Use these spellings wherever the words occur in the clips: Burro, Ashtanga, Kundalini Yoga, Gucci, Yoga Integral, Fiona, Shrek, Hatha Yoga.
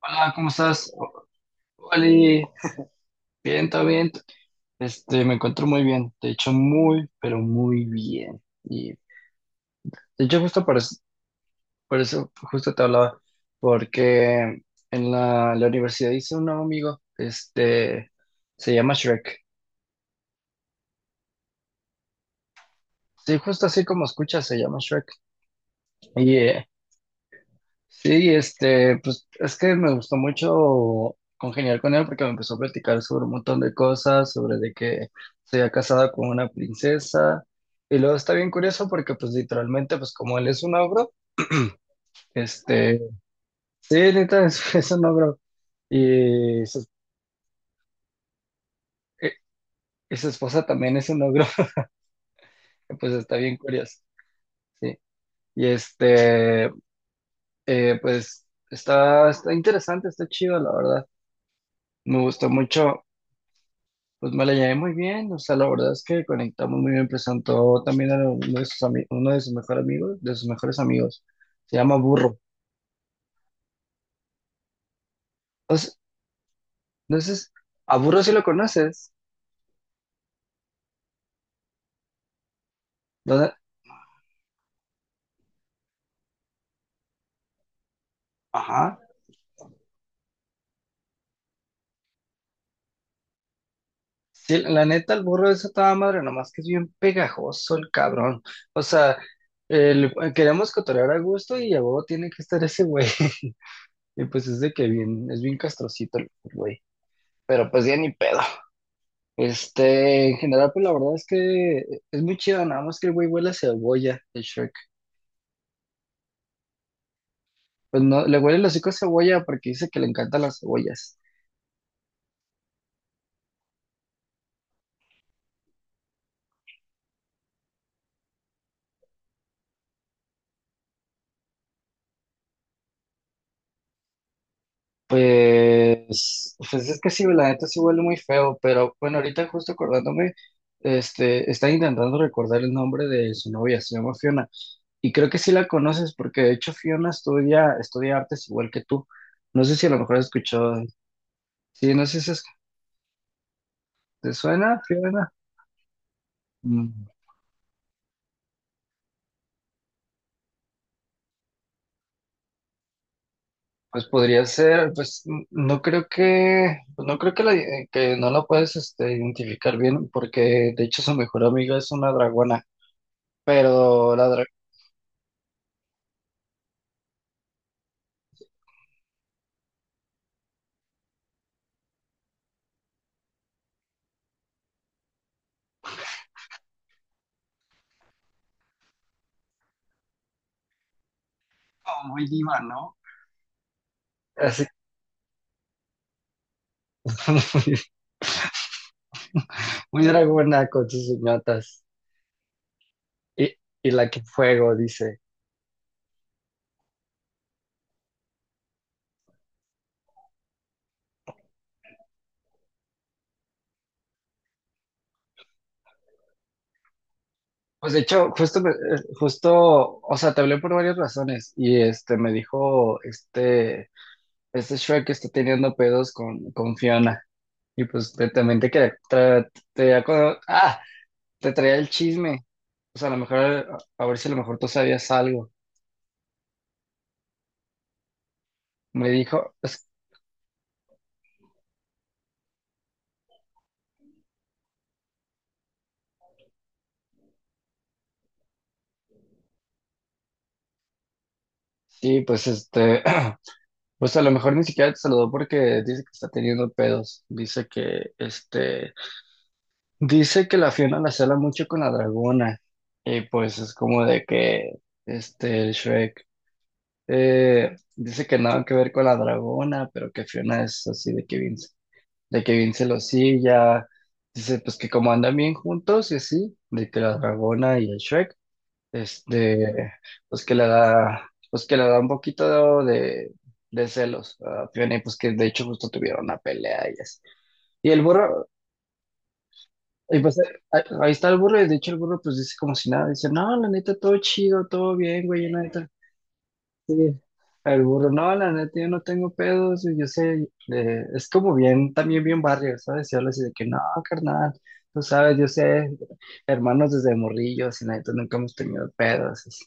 Hola, ¿cómo estás? Oli, bien, todo bien. Este, me encuentro muy bien. De hecho, muy, pero muy bien. Y de hecho, justo por eso justo te hablaba, porque en la universidad hice un nuevo amigo. Este, se llama Shrek. Sí, justo así como escuchas, se llama Shrek. Y sí, este, pues es que me gustó mucho congeniar con él porque me empezó a platicar sobre un montón de cosas, sobre de que se había casado con una princesa. Y luego está bien curioso porque pues literalmente pues como él es un ogro, este, sí, neta es un ogro y su, eh, y su esposa también es un ogro, pues está bien curioso, sí. Y este, pues está interesante, está chido, la verdad. Me gustó mucho. Pues me la llevé muy bien, o sea, la verdad es que conectamos muy bien. Presentó también a uno de sus mejores amigos. Se llama Burro. Entonces, entonces, a Burro sí lo conoces. ¿Dónde? Ajá. Sí, la neta, el burro es a toda madre, nomás que es bien pegajoso el cabrón. O sea, queremos cotorrear a gusto y a huevo tiene que estar ese güey. Y pues es bien castrocito el güey. Pero pues ya ni pedo. Este, en general, pues la verdad es que es muy chido, nada más que el güey huele a cebolla, el Shrek. Pues no, le huele el hocico a cebolla porque dice que le encantan las cebollas. Pues es que sí, la neta sí huele muy feo, pero bueno, ahorita justo acordándome, este, está intentando recordar el nombre de su novia, se llama Fiona. Y creo que sí la conoces porque de hecho Fiona estudia artes igual que tú. No sé si a lo mejor has escuchado. Sí, no sé si te suena, Fiona. Mm. Pues podría ser, pues no creo que, que no la puedes, este, identificar bien, porque de hecho su mejor amiga es una dragona, pero la dragona muy diva, ¿no? Así, muy, muy dragona con sus uñotas y, y la que fuego, dice. Pues de hecho, justo, justo, o sea, te hablé por varias razones y este me dijo, este Shrek está teniendo pedos con Fiona y pues también te quería. ¡Ah! Te traía el chisme. O sea, a lo mejor, a ver si a lo mejor tú sabías algo. Me dijo, sí, pues este, pues a lo mejor ni siquiera te saludó porque dice que está teniendo pedos. Dice que la Fiona la cela mucho con la dragona. Y pues es como de que, este, el Shrek, dice que nada que ver con la dragona, pero que Fiona es así de que Vince celosilla. Dice, pues que como andan bien juntos y así, de que la dragona y el Shrek. Este, pues que le da un poquito de celos a Fiona y pues que de hecho justo tuvieron una pelea ellas. Y el burro, y pues ahí está el burro y de hecho el burro pues dice como si nada, dice, no, la neta, todo chido, todo bien, güey, la neta. Sí. El burro, no, la neta, yo no tengo pedos, y yo sé, es como bien, también bien barrio, ¿sabes? Y habla así de que, no, carnal, tú sabes, yo sé, hermanos desde morrillos, y la neta, nunca hemos tenido pedos. Así.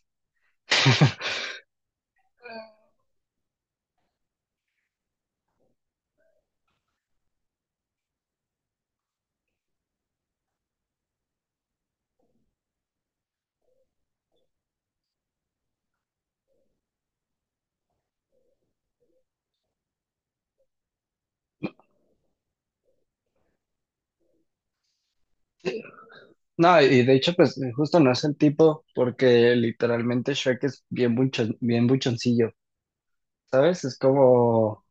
No, y de hecho, pues justo no es el tipo, porque literalmente Shrek es bien buchoncillo, ¿sabes? Es como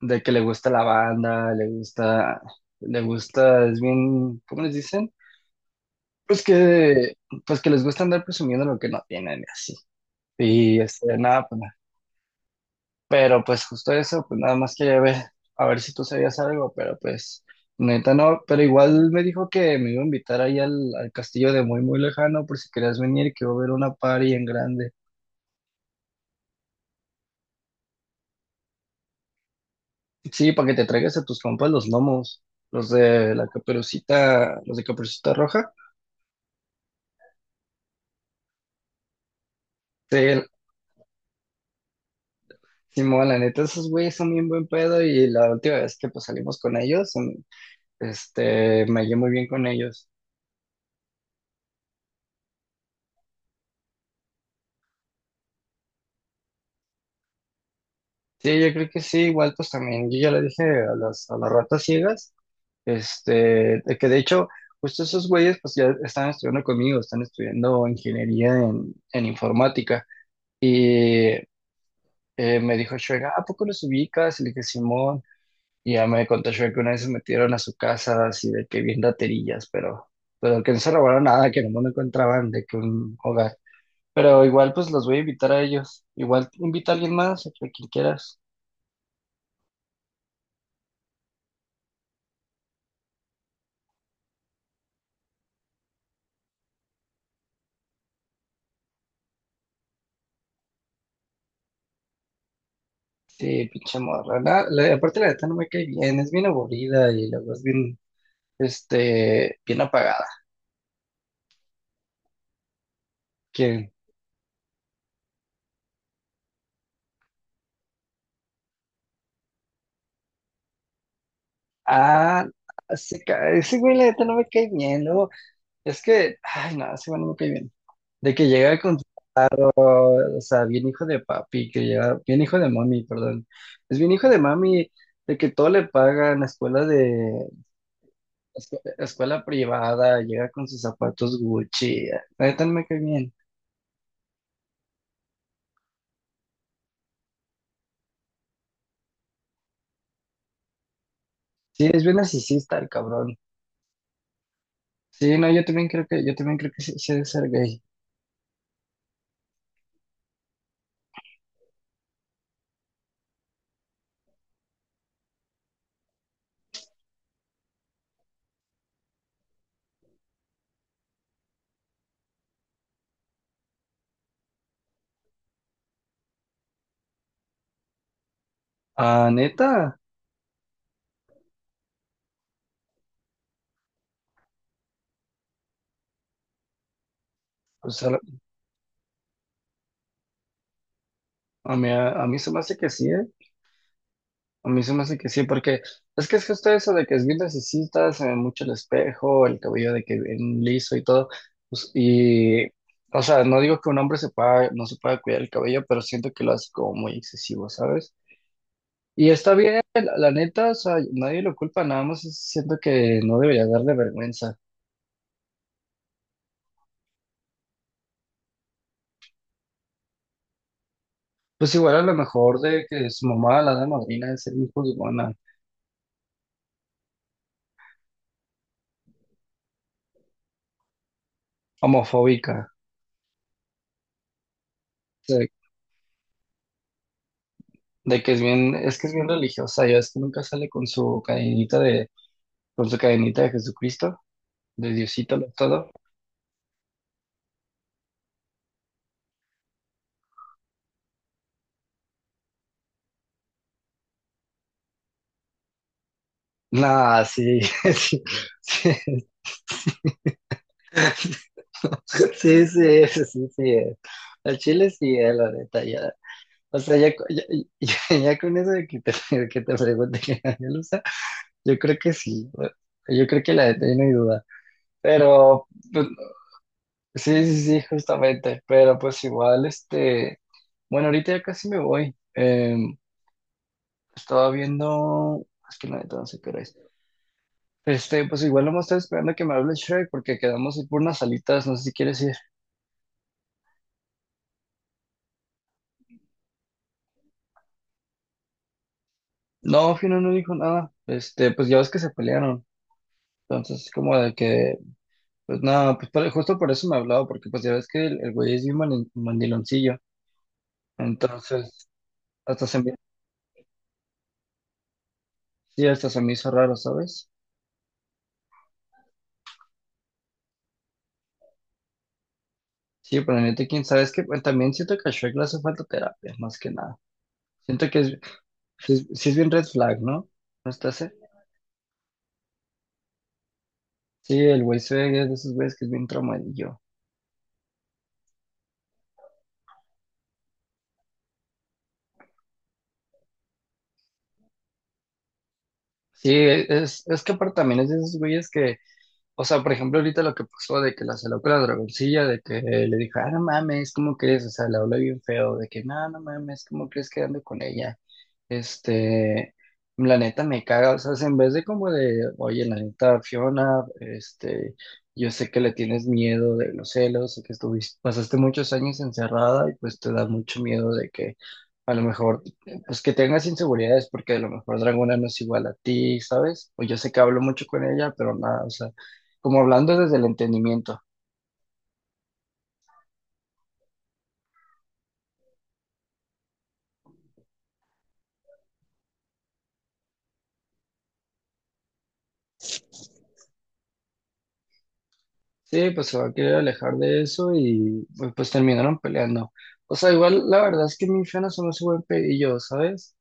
de que le gusta la banda, le gusta, es bien, ¿cómo les dicen? Pues que, pues que les gusta andar presumiendo lo que no tienen y así. Y este, nada, pero pues justo eso, pues nada más quería ver, a ver si tú sabías algo, pero pues neta no, pero igual me dijo que me iba a invitar ahí al castillo de muy muy lejano por si querías venir, que iba a haber una party en grande. Sí, para que te traigas a tus compas los gnomos, los de la caperucita, los de Caperucita Roja. Sí, Simón, la neta, esos güeyes son bien buen pedo y la última vez que pues salimos con ellos, este, me hallé muy bien con ellos. Sí, yo creo que sí, igual pues también, yo ya le dije a las ratas ciegas. Este, de que de hecho, justo esos güeyes pues ya están estudiando conmigo, están estudiando ingeniería en informática. Y me dijo Shrek: "Ah, ¿a poco los ubicas?" Y le dije, Simón. Y ya me contó Shrek que una vez se metieron a su casa así de que bien raterillas, pero que no se robaron nada, que no encontraban de que un hogar. Pero igual pues los voy a invitar a ellos. Igual invita a alguien más, a quien quieras. Sí, pinche morra. Aparte la neta no me cae bien, es bien aburrida y luego es bien apagada. ¿Quién? Ah, ese güey, la neta no me cae bien. Luego, es que, ay, no, ese güey no me cae bien. De que llega con, o sea, bien hijo de papi, que llega, bien hijo de mami, perdón. Es bien hijo de mami, de que todo le pagan, escuela privada, llega con sus zapatos Gucci. Ah, la neta no me cae bien. Sí, es bien narcisista el cabrón. Sí, no, yo también creo que sí, sí ha de ser gay. Ah, neta, pues a a mí se me hace que sí, ¿eh? A mí se me hace que sí, porque es que es justo eso de que es bien necesita, se ve mucho el espejo, el cabello de que bien liso y todo. Pues, y, o sea, no digo que un hombre se pueda, no se pueda cuidar el cabello, pero siento que lo hace como muy excesivo, ¿sabes? Y está bien, la neta, o sea, nadie lo culpa, nada más siento que no debería darle vergüenza. Pues igual a lo mejor de que su mamá, la de madrina, de ser muy juzgona, homofóbica. De que es bien, es que es bien religiosa, ya es que nunca sale con su cadenita de Jesucristo, de Diosito lo todo. Nah, sí, sí, sí, sí, sí, es, sí, sí, es. El chile sí es, la neta, ya. O sea, ya con eso de que te pregunte que nadie lo usa, yo creo que sí, yo creo que la neta ya no hay duda. Pero pues, sí, sí, sí, justamente, pero pues igual, este, bueno, ahorita ya casi me voy. Estaba viendo, es que la neta no sé qué hora es. Este, pues igual no me estoy esperando que me hable Shrek porque quedamos ir por unas salitas, no sé si quieres ir. No, Fino no dijo nada. Este, pues ya ves que se pelearon. Entonces, como de que, pues nada, pues justo por eso me hablaba, porque pues ya ves que el güey es bien mandiloncillo. Entonces, hasta se me, sí, hasta se me hizo raro, ¿sabes? Sí, pero neta, quién sabe, es que pues, también siento que a Shrek le hace falta terapia, más que nada. Siento que sí es bien red flag, ¿no? ¿No está ese? Sí, el güey se ve que es de esos güeyes que es bien traumadillo. Sí, es que aparte también es de esos güeyes que. O sea, por ejemplo, ahorita lo que pasó de que la saló con la dragoncilla, de que le dijo, ah, no mames, ¿cómo crees? O sea, le habló bien feo, de que, no, no mames, ¿cómo crees que ando con ella? Este, la neta me caga, o sea, si en vez de como oye, la neta, Fiona, este, yo sé que le tienes miedo de los celos, sé que estuviste, pasaste muchos años encerrada y pues te da mucho miedo de que a lo mejor, pues que tengas inseguridades porque a lo mejor Dragona no es igual a ti, ¿sabes?, o yo sé que hablo mucho con ella, pero nada, o sea, como hablando desde el entendimiento. Sí, pues se va a querer alejar de eso y pues, terminaron peleando. O sea, igual la verdad es que mi infierno no es buen pedillo, ¿sabes?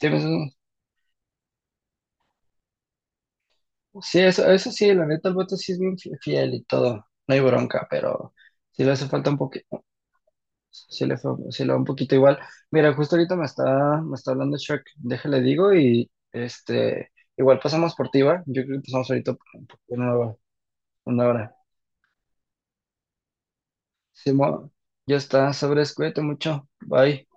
Sí, sí, eso sí, la neta el voto sí es bien fiel y todo, no hay bronca, pero sí le hace falta un poquito, sí le va un poquito igual. Mira, justo ahorita me está hablando Shrek, déjale digo y este, igual pasamos por ti, ¿va? Yo creo que pasamos ahorita por una hora. Simón, ya está, sobres, cuídate mucho. Bye.